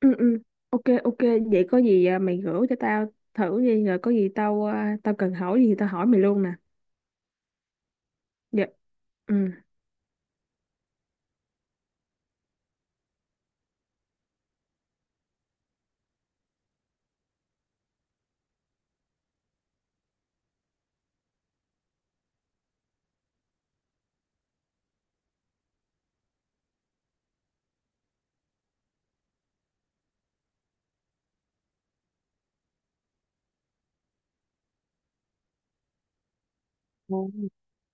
Ừ, ok, ok. Vậy có gì, à, mày gửi cho tao thử đi, rồi có gì tao cần hỏi gì thì tao hỏi mày luôn nè. Dạ, ừ, ừ.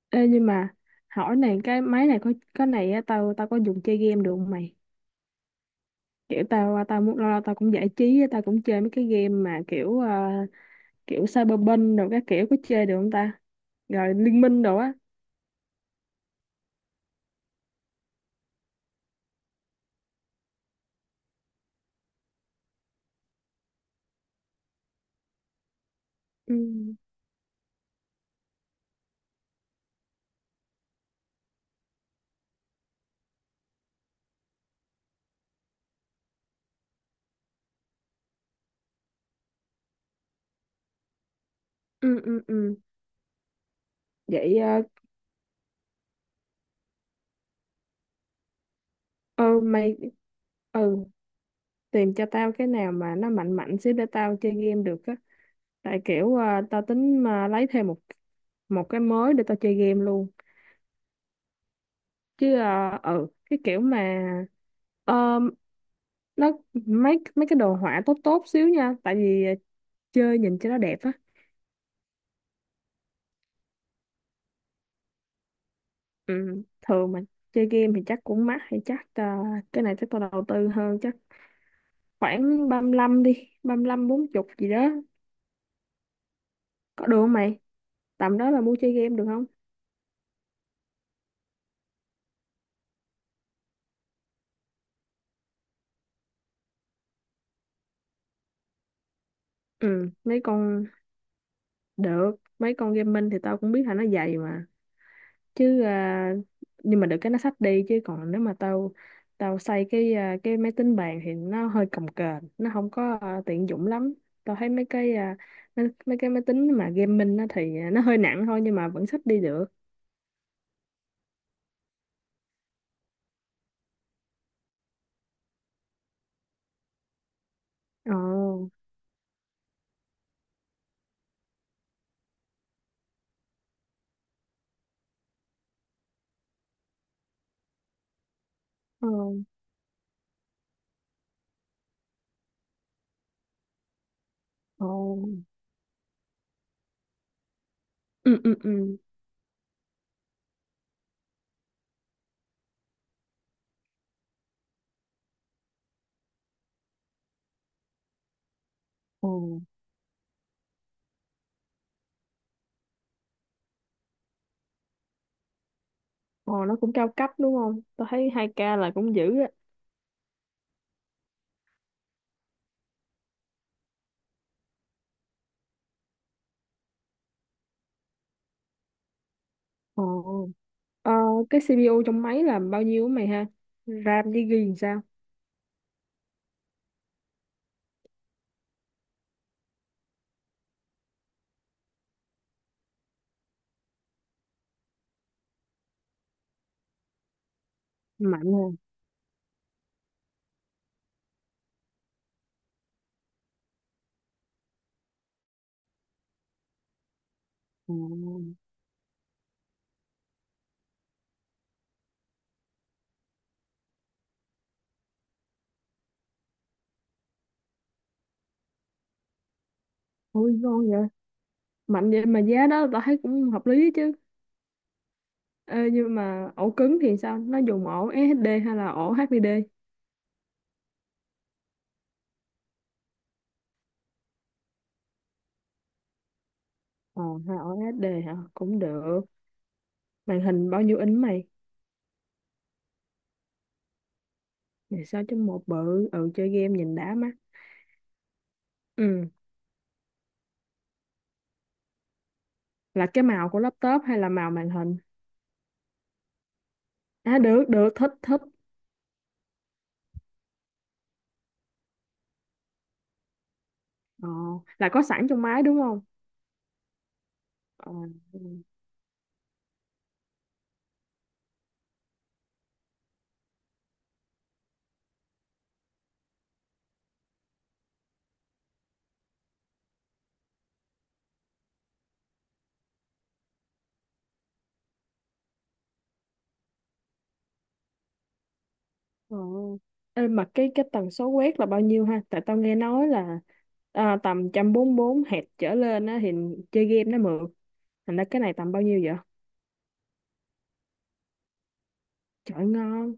Ê, nhưng mà hỏi này, cái máy này có cái này á, tao tao có dùng chơi game được không mày? Kiểu tao muốn lâu lâu tao cũng giải trí á, tao cũng chơi mấy cái game mà kiểu Cyberpunk rồi các kiểu, có chơi được không ta? Rồi Liên Minh đồ á. Ừ ừ ừ ừ Vậy à, ờ, mày, ừ, tìm cho tao cái nào mà nó mạnh mạnh xíu để tao chơi game được á. Tại tao tính mà lấy thêm một một cái mới để tao chơi game luôn. Ừ, cái kiểu mà ờ, nó, mấy mấy cái đồ họa tốt tốt xíu nha. Tại chơi nhìn cho nó đẹp á. Ừ, thường mà chơi game thì chắc cũng mắc hay cái này chắc tao đầu tư hơn chắc. Khoảng ba lăm đi, ba lăm bốn chục gì đó, có được không mày? Tầm đó là mua chơi game được không? Ừ, mấy con, được, mấy con gaming thì tao cũng biết là nó dày mà. chứ à, nhưng mà được cái nó xách đi, chứ còn nếu mà tao, tao xây cái máy tính bàn thì nó hơi cồng kềnh, nó không tiện dụng lắm. Tao thấy mấy mấy cái máy tính mà gaming nó nó hơi nặng thôi nhưng mà vẫn xách đi được. Ồ. Ồ. Ồ. Ừ, ừ, ừ. Ồ. Ồ, nó cũng cao cấp đúng không, tao thấy hai k là cũng dữ á. Ồ. ờ, cái CPU trong máy là bao nhiêu á mày ha? RAM với ghi làm sao? Mạnh hả? Ồ. Ôi ngon. Mạnh vậy mà giá đó tao thấy cũng hợp lý chứ. Ê, nhưng mà ổ cứng thì sao, nó dùng ổ SSD hay là ổ HDD? Ờ, hay ổ SSD hả, cũng được. Màn hình bao nhiêu inch mày? 16 một, bự, ừ, chơi game nhìn đã mắt. Ừ, là cái màu của laptop hay là màu màn hình? À, được được, thích thích. Ờ, là có sẵn trong máy đúng không? Ờ. Ừ. Ờ. Ê, mà cái tần số quét là bao nhiêu ha, tại tao nghe nói là tầm một trăm bốn Hz trở lên á thì chơi game nó mượt. Thành ra cái này tầm bao nhiêu vậy? Trời ngon.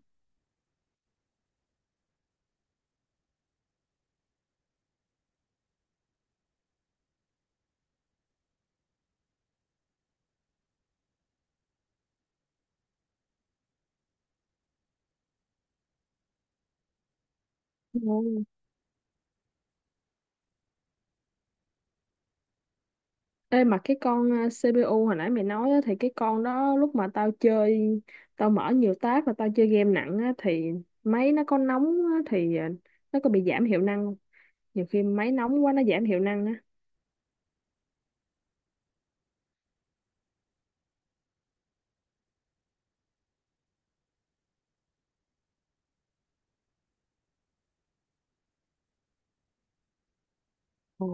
Ngon. Ê, mà cái con CPU hồi nãy mày nói á, thì cái con đó lúc mà tao chơi, tao mở nhiều tab và tao chơi game nặng á, thì máy nó có nóng á, thì ờ, nó có bị giảm hiệu năng không? Nhiều khi máy nóng quá nó giảm hiệu năng á. Ồ.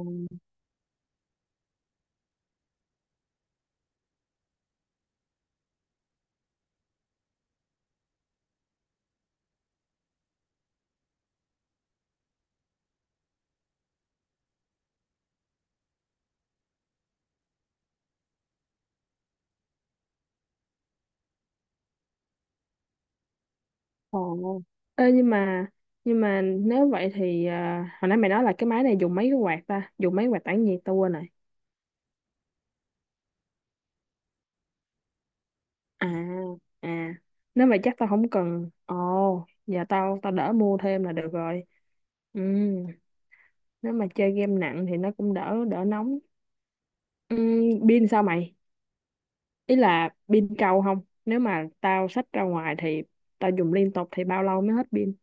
Ồ. Ê, nhưng mà nếu vậy thì hồi nãy mày nói là cái máy này dùng mấy cái quạt ta? Dùng mấy quạt tản nhiệt tao quên rồi. À, à, nếu vậy chắc tao không cần. Ồ, giờ tao tao đỡ mua thêm là được rồi. Ừ, nếu mà chơi game nặng thì nó cũng đỡ đỡ nóng. Ừ, pin sao mày? Ý là pin trâu không? Nếu mà tao xách ra ngoài thì tao dùng liên tục thì bao lâu mới hết pin?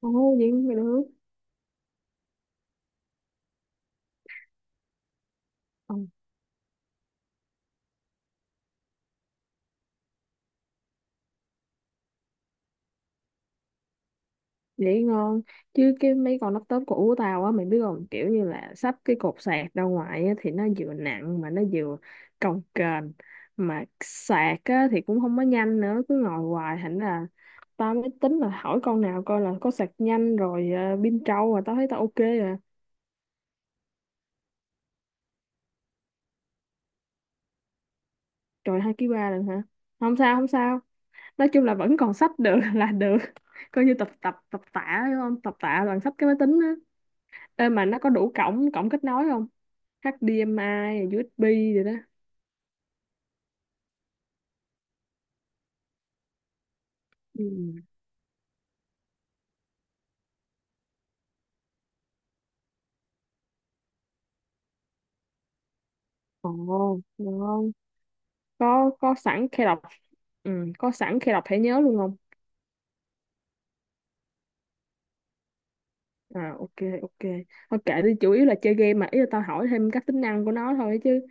Ồ, vậy cũng được. Vậy ngon, chứ cái mấy con laptop cũ của tao á, mày biết không, kiểu như là sắp cái cột sạc ra ngoài á, thì nó vừa nặng mà nó vừa cồng kềnh, mà sạc á, thì cũng không có nhanh nữa, cứ ngồi hoài, thành là tao mới tính là hỏi con nào coi là có sạc nhanh rồi pin trâu, mà tao thấy tao ok rồi. Trời, hai ký ba lần hả? Không sao, không sao, nói chung là vẫn còn sách được là được. Coi như tập tập tập tạ đúng không, tập tạ bằng sách cái máy tính. Ê, mà nó có đủ cổng cổng kết nối không? HDMI, USB rồi đó. Ừ. Ồ, được không? Có sẵn khe đọc. Ừ, có sẵn khe đọc thẻ nhớ luôn không? À, ok, ok. Thôi kệ đi, chủ yếu là chơi game mà, ý là tao hỏi thêm các tính năng của nó thôi chứ.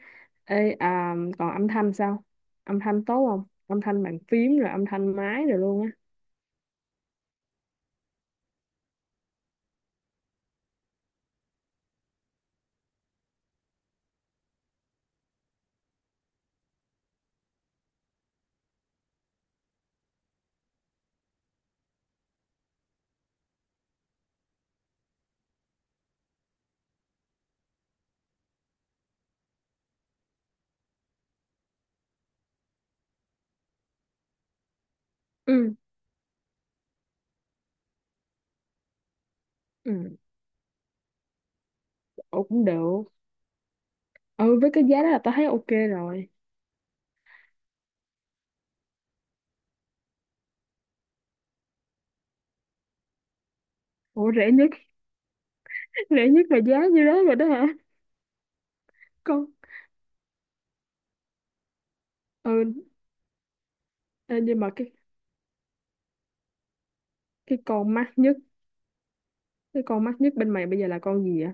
Còn âm thanh sao? Âm thanh tốt không? Âm thanh bàn phím rồi âm thanh máy rồi luôn á. Ừ, ừ, ồ, cũng được. Ừ, với cái giá đó là tao thấy ok rồi. Ủa, rẻ nhất, rẻ nhất là giá như đó rồi đó hả? Con, ừ, ê, nhưng mà cái con mắc nhất, cái con mắc nhất bên mày bây giờ là con gì vậy?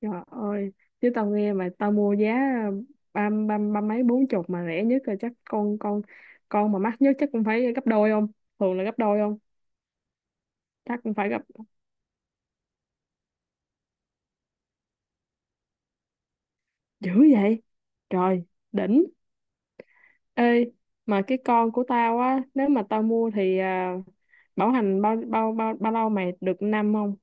Trời ơi, chứ tao nghe mà tao mua giá ba ba ba mấy bốn chục mà rẻ nhất rồi, chắc con con mà mắc nhất chắc cũng phải gấp đôi không? Thường là gấp đôi không? Chắc cũng phải gấp, dữ vậy? Trời, đỉnh. Ê, mà cái con của tao á, nếu mà tao mua thì bảo hành bao bao lâu mày, được năm không?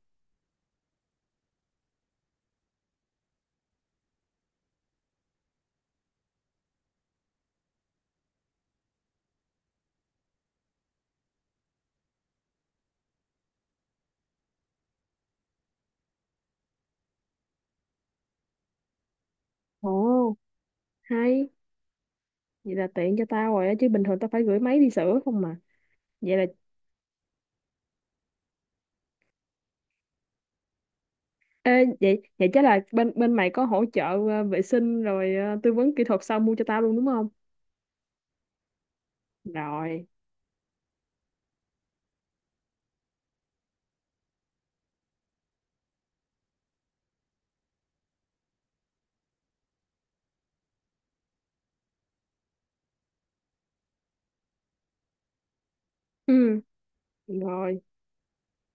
Ồ, hay, vậy là tiện cho tao rồi á, chứ bình thường tao phải gửi máy đi sửa không mà. Vậy là, ê, vậy vậy chắc là bên bên mày có hỗ trợ vệ sinh rồi tư vấn kỹ thuật sau mua cho tao luôn đúng không? Rồi. Ừ, rồi,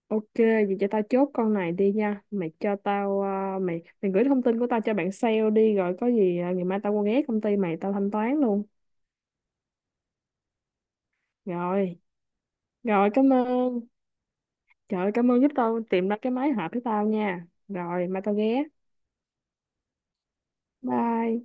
ok, vậy cho tao chốt con này đi nha. Mày cho tao, ờ, mày mày gửi thông tin của tao cho bạn sale đi, rồi có gì ngày mai tao qua ghé công ty mày tao thanh toán luôn. Rồi, rồi cảm ơn. Trời ơi, cảm ơn giúp tao tìm ra cái máy hợp với tao nha. Rồi, mai tao ghé. Bye.